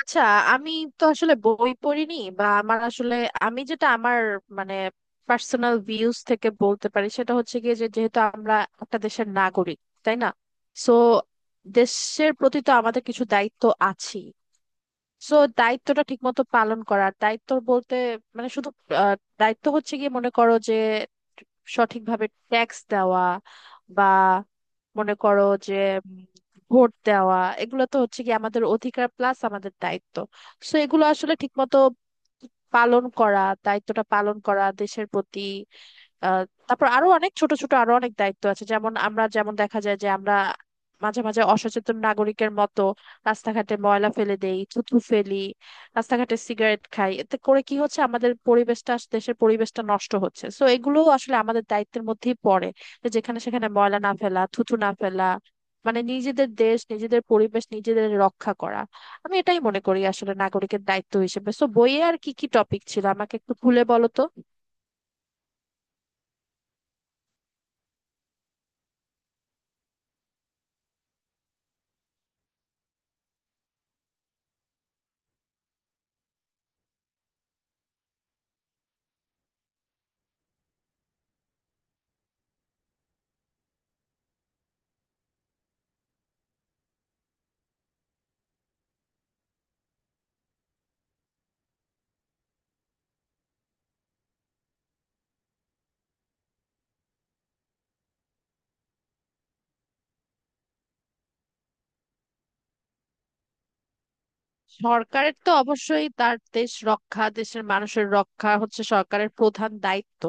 আচ্ছা, আমি তো আসলে বই পড়িনি বা আমার আসলে আমি যেটা আমার মানে পার্সোনাল ভিউজ থেকে বলতে পারি সেটা হচ্ছে গিয়ে, যে যেহেতু আমরা একটা দেশের নাগরিক, তাই না? সো দেশের প্রতি তো আমাদের কিছু দায়িত্ব আছে। সো দায়িত্বটা ঠিকমতো পালন করার, দায়িত্ব বলতে মানে শুধু আহ, দায়িত্ব হচ্ছে গিয়ে, মনে করো যে সঠিকভাবে ট্যাক্স দেওয়া, বা মনে করো যে উম, ভোট দেওয়া, এগুলো তো হচ্ছে কি আমাদের অধিকার প্লাস আমাদের দায়িত্ব। সো এগুলো আসলে ঠিকমতো পালন করা, দায়িত্বটা পালন করা দেশের প্রতি। আহ, তারপর আরো অনেক ছোট ছোট আরো অনেক দায়িত্ব আছে, যেমন আমরা, যেমন দেখা যায় যে আমরা মাঝে মাঝে অসচেতন নাগরিকের মতো রাস্তাঘাটে ময়লা ফেলে দেই, থুতু ফেলি, রাস্তাঘাটে সিগারেট খাই, এতে করে কি হচ্ছে আমাদের পরিবেশটা, দেশের পরিবেশটা নষ্ট হচ্ছে। সো এগুলো আসলে আমাদের দায়িত্বের মধ্যেই পড়ে যে, যেখানে সেখানে ময়লা না ফেলা, থুতু না ফেলা, মানে নিজেদের দেশ নিজেদের পরিবেশ নিজেদের রক্ষা করা। আমি এটাই মনে করি আসলে নাগরিকের দায়িত্ব হিসেবে। সো বইয়ে আর কি কি টপিক ছিল আমাকে একটু খুলে বলো তো। সরকারের তো অবশ্যই তার দেশ রক্ষা, দেশের মানুষের রক্ষা হচ্ছে সরকারের প্রধান দায়িত্ব।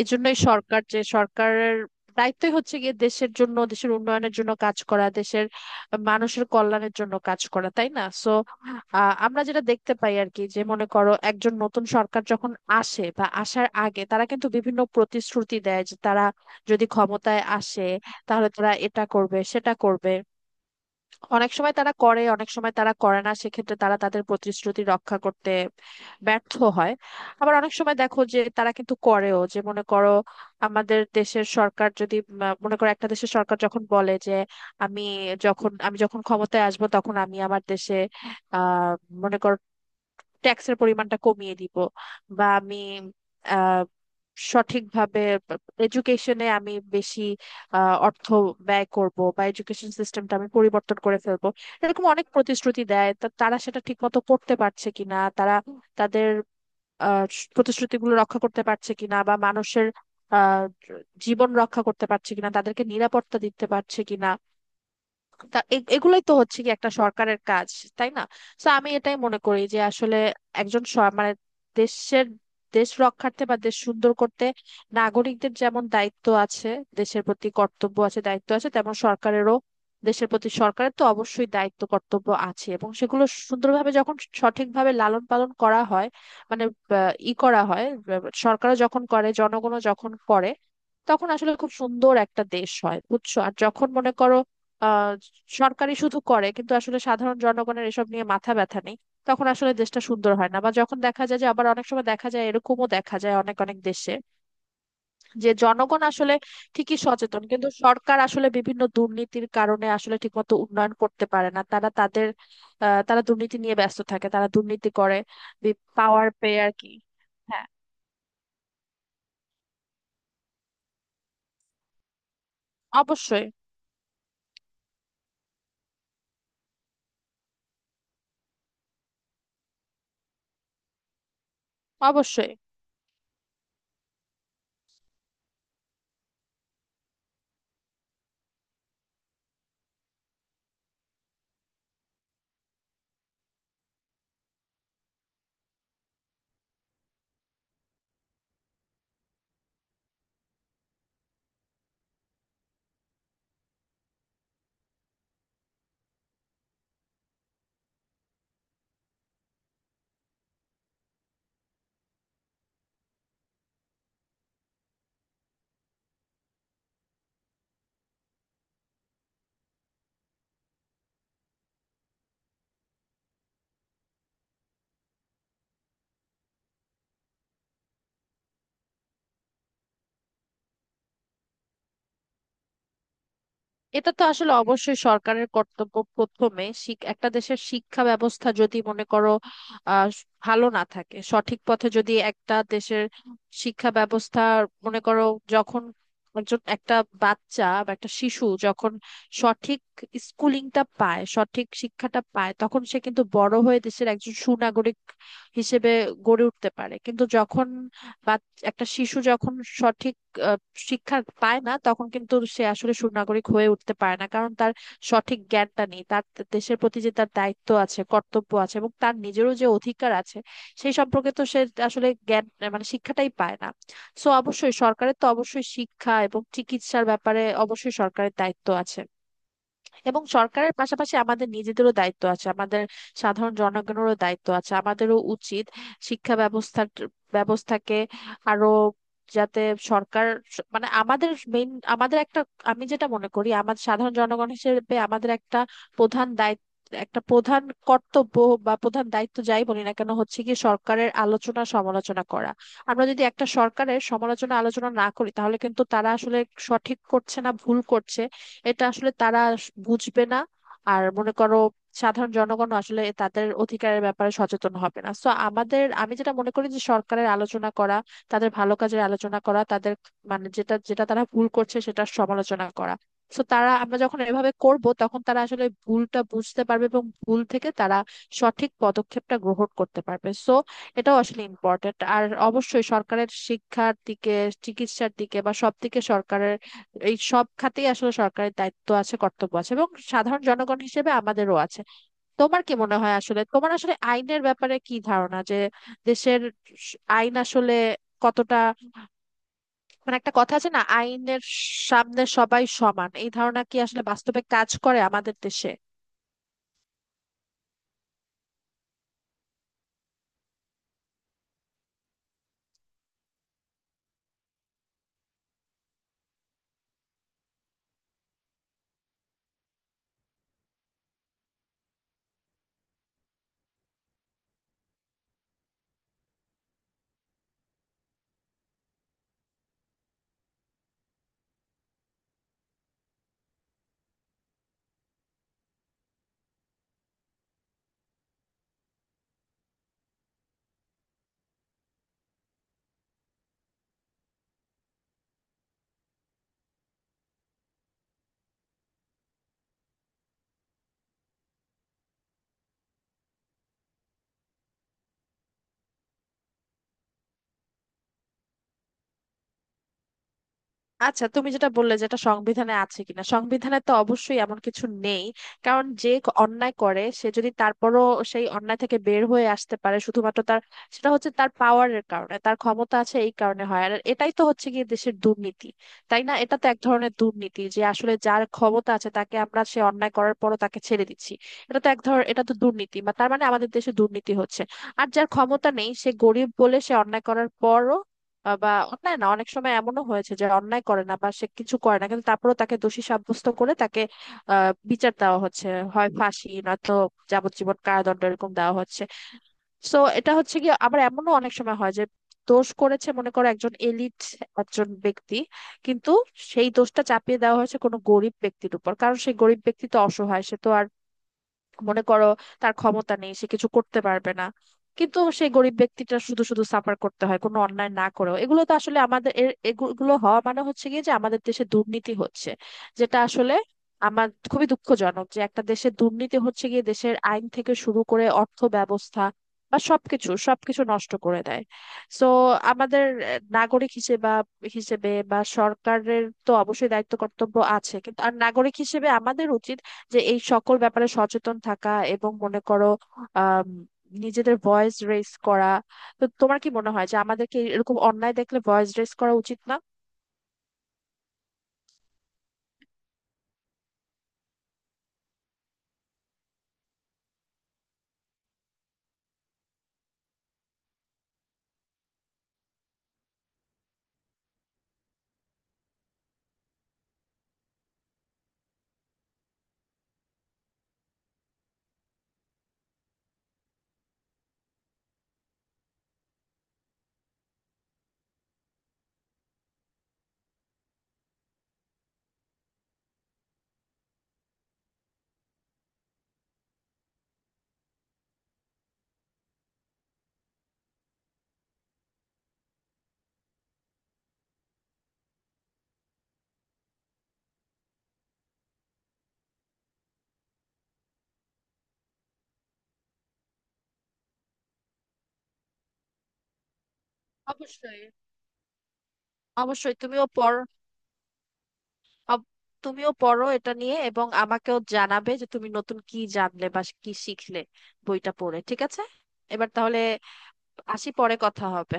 এজন্যই সরকার, যে সরকারের দায়িত্বই হচ্ছে গিয়ে দেশের জন্য, দেশের উন্নয়নের জন্য কাজ করা, দেশের মানুষের কল্যাণের জন্য কাজ করা, তাই না? সো আমরা যেটা দেখতে পাই আর কি, যে মনে করো একজন নতুন সরকার যখন আসে, বা আসার আগে তারা কিন্তু বিভিন্ন প্রতিশ্রুতি দেয় যে তারা যদি ক্ষমতায় আসে তাহলে তারা এটা করবে সেটা করবে। অনেক সময় তারা করে, অনেক সময় তারা করে না, সেক্ষেত্রে তারা তাদের প্রতিশ্রুতি রক্ষা করতে ব্যর্থ হয়। আবার অনেক সময় দেখো যে তারা কিন্তু করেও, যে মনে করো আমাদের দেশের সরকার যদি মনে করো একটা দেশের সরকার যখন বলে যে আমি, যখন আমি ক্ষমতায় আসবো তখন আমি আমার দেশে আহ মনে করো ট্যাক্সের পরিমাণটা কমিয়ে দিব, বা আমি আহ সঠিকভাবে এডুকেশনে আমি বেশি অর্থ ব্যয় করব, বা এডুকেশন সিস্টেমটা আমি পরিবর্তন করে ফেলবো, এরকম অনেক প্রতিশ্রুতি দেয়। তা তারা সেটা ঠিক মতো করতে পারছে কিনা, তারা তাদের আহ, প্রতিশ্রুতিগুলো রক্ষা করতে পারছে কিনা, বা মানুষের আহ, জীবন রক্ষা করতে পারছে কিনা, তাদেরকে নিরাপত্তা দিতে পারছে কিনা, তা এগুলোই তো হচ্ছে কি একটা সরকারের কাজ, তাই না? তো আমি এটাই মনে করি যে আসলে একজন মানে দেশের, দেশ রক্ষার্থে বা দেশ সুন্দর করতে নাগরিকদের যেমন দায়িত্ব আছে, দেশের প্রতি কর্তব্য আছে দায়িত্ব আছে, তেমন সরকারেরও দেশের প্রতি, সরকারের তো অবশ্যই দায়িত্ব কর্তব্য আছে। এবং সেগুলো সুন্দরভাবে যখন, সঠিকভাবে লালন পালন করা হয় মানে ই করা হয়, সরকারও যখন করে জনগণও যখন করে তখন আসলে খুব সুন্দর একটা দেশ হয়, বুঝছো? আর যখন মনে করো আহ সরকারি শুধু করে কিন্তু আসলে সাধারণ জনগণের এসব নিয়ে মাথা ব্যথা নেই, তখন আসলে দেশটা সুন্দর হয় না। বা যখন দেখা যায় যে, আবার অনেক সময় দেখা যায়, এরকমও দেখা যায় অনেক অনেক দেশে যে জনগণ আসলে ঠিকই সচেতন কিন্তু সরকার আসলে বিভিন্ন দুর্নীতির কারণে আসলে ঠিকমতো উন্নয়ন করতে পারে না। তারা তাদের তারা দুর্নীতি নিয়ে ব্যস্ত থাকে, তারা দুর্নীতি করে পাওয়ার পেয়ে আর কি। হ্যাঁ, অবশ্যই অবশ্যই। এটা তো আসলে অবশ্যই সরকারের কর্তব্য। প্রথমে একটা দেশের শিক্ষা ব্যবস্থা যদি মনে করো ভালো না থাকে, সঠিক পথে যদি একটা দেশের শিক্ষা ব্যবস্থা, মনে করো যখন একজন, একটা বাচ্চা বা একটা শিশু যখন সঠিক স্কুলিংটা পায়, সঠিক শিক্ষাটা পায় তখন সে কিন্তু বড় হয়ে দেশের একজন সুনাগরিক হিসেবে গড়ে উঠতে পারে। কিন্তু যখন একটা শিশু যখন সঠিক আহ, শিক্ষা পায় না তখন কিন্তু সে আসলে সুনাগরিক হয়ে উঠতে পারে না, কারণ তার সঠিক জ্ঞানটা নেই। তার দেশের প্রতি যে তার দায়িত্ব আছে কর্তব্য আছে এবং তার নিজেরও যে অধিকার আছে সেই সম্পর্কে তো সে আসলে জ্ঞান মানে শিক্ষাটাই পায় না। সো অবশ্যই সরকারের তো অবশ্যই শিক্ষা এবং চিকিৎসার ব্যাপারে অবশ্যই সরকারের দায়িত্ব আছে। এবং সরকারের পাশাপাশি আমাদের নিজেদেরও দায়িত্ব আছে, আমাদের সাধারণ জনগণেরও দায়িত্ব আছে। আমাদেরও উচিত শিক্ষা ব্যবস্থাকে আরো, যাতে সরকার মানে আমাদের মেইন, আমাদের একটা, আমি যেটা মনে করি আমাদের সাধারণ জনগণ হিসেবে আমাদের একটা প্রধান দায়িত্ব, একটা প্রধান কর্তব্য বা প্রধান দায়িত্ব যাই বলি না কেন, হচ্ছে কি সরকারের আলোচনা সমালোচনা করা। আমরা যদি একটা সরকারের সমালোচনা আলোচনা না করি তাহলে কিন্তু তারা আসলে সঠিক করছে না ভুল করছে এটা আসলে তারা বুঝবে না। আর মনে করো সাধারণ জনগণ আসলে তাদের অধিকারের ব্যাপারে সচেতন হবে না, তো আমাদের, আমি যেটা মনে করি যে সরকারের আলোচনা করা, তাদের ভালো কাজের আলোচনা করা, তাদের মানে যেটা যেটা তারা ভুল করছে সেটা সমালোচনা করা। তো তারা, আমরা যখন এভাবে করব তখন তারা আসলে ভুলটা বুঝতে পারবে এবং ভুল থেকে তারা সঠিক পদক্ষেপটা গ্রহণ করতে পারবে। সো এটাও আসলে ইম্পর্টেন্ট। আর অবশ্যই সরকারের শিক্ষার দিকে, চিকিৎসার দিকে বা সব দিকে সরকারের, এই সব খাতেই আসলে সরকারের দায়িত্ব আছে কর্তব্য আছে এবং সাধারণ জনগণ হিসেবে আমাদেরও আছে। তোমার কি মনে হয় আসলে, তোমার আসলে আইনের ব্যাপারে কি ধারণা, যে দেশের আইন আসলে কতটা মানে, একটা কথা আছে না, আইনের সামনে সবাই সমান, এই ধারণা কি আসলে বাস্তবে কাজ করে আমাদের দেশে? আচ্ছা, তুমি যেটা বললে যেটা সংবিধানে আছে কিনা, সংবিধানে তো অবশ্যই এমন কিছু নেই। কারণ যে অন্যায় করে সে যদি তারপরও সেই অন্যায় থেকে বের হয়ে আসতে পারে শুধুমাত্র তার, সেটা হচ্ছে তার পাওয়ারের কারণে, তার ক্ষমতা আছে এই কারণে হয়, আর এটাই তো হচ্ছে গিয়ে দেশের দুর্নীতি, তাই না? এটা তো এক ধরনের দুর্নীতি যে আসলে যার ক্ষমতা আছে তাকে আমরা সে অন্যায় করার পরও তাকে ছেড়ে দিচ্ছি। এটা তো এক ধর এটা তো দুর্নীতি, বা তার মানে আমাদের দেশে দুর্নীতি হচ্ছে। আর যার ক্ষমতা নেই সে গরিব বলে সে অন্যায় করার পরও বা অন্যায় না, অনেক সময় এমনও হয়েছে যে অন্যায় করে না বা সে কিছু করে না কিন্তু তারপরেও তাকে দোষী সাব্যস্ত করে তাকে বিচার দেওয়া হচ্ছে, হয় ফাঁসি নয়তো যাবজ্জীবন কারাদণ্ড এরকম দেওয়া হচ্ছে। সো এটা হচ্ছে কি, আবার এমনও অনেক সময় হয় যে দোষ করেছে মনে করো একজন এলিট, একজন ব্যক্তি কিন্তু সেই দোষটা চাপিয়ে দেওয়া হয়েছে কোনো গরিব ব্যক্তির উপর, কারণ সেই গরিব ব্যক্তি তো অসহায়, সে তো আর মনে করো তার ক্ষমতা নেই, সে কিছু করতে পারবে না। কিন্তু সেই গরিব ব্যক্তিটা শুধু শুধু সাফার করতে হয় কোনো অন্যায় না করেও। এগুলো তো আসলে আমাদের, এগুলো হওয়া মানে হচ্ছে কি, যে আমাদের দেশে দুর্নীতি হচ্ছে, যেটা আসলে আমার খুবই দুঃখজনক, যে একটা দেশের দুর্নীতি হচ্ছে গিয়ে দেশের আইন থেকে শুরু করে অর্থ ব্যবস্থা বা সবকিছু, সবকিছু নষ্ট করে দেয়। সো আমাদের নাগরিক হিসেবে হিসেবে, বা সরকারের তো অবশ্যই দায়িত্ব কর্তব্য আছে কিন্তু, আর নাগরিক হিসেবে আমাদের উচিত যে এই সকল ব্যাপারে সচেতন থাকা এবং মনে করো আম, নিজেদের ভয়েস রেজ করা। তো তোমার কি মনে হয় যে আমাদেরকে এরকম অন্যায় দেখলে ভয়েস রেজ করা উচিত না? অবশ্যই অবশ্যই তুমিও পড়। অব- তুমিও পড়ো এটা নিয়ে এবং আমাকেও জানাবে যে তুমি নতুন কি জানলে বা কি শিখলে বইটা পড়ে, ঠিক আছে? এবার তাহলে আসি, পরে কথা হবে।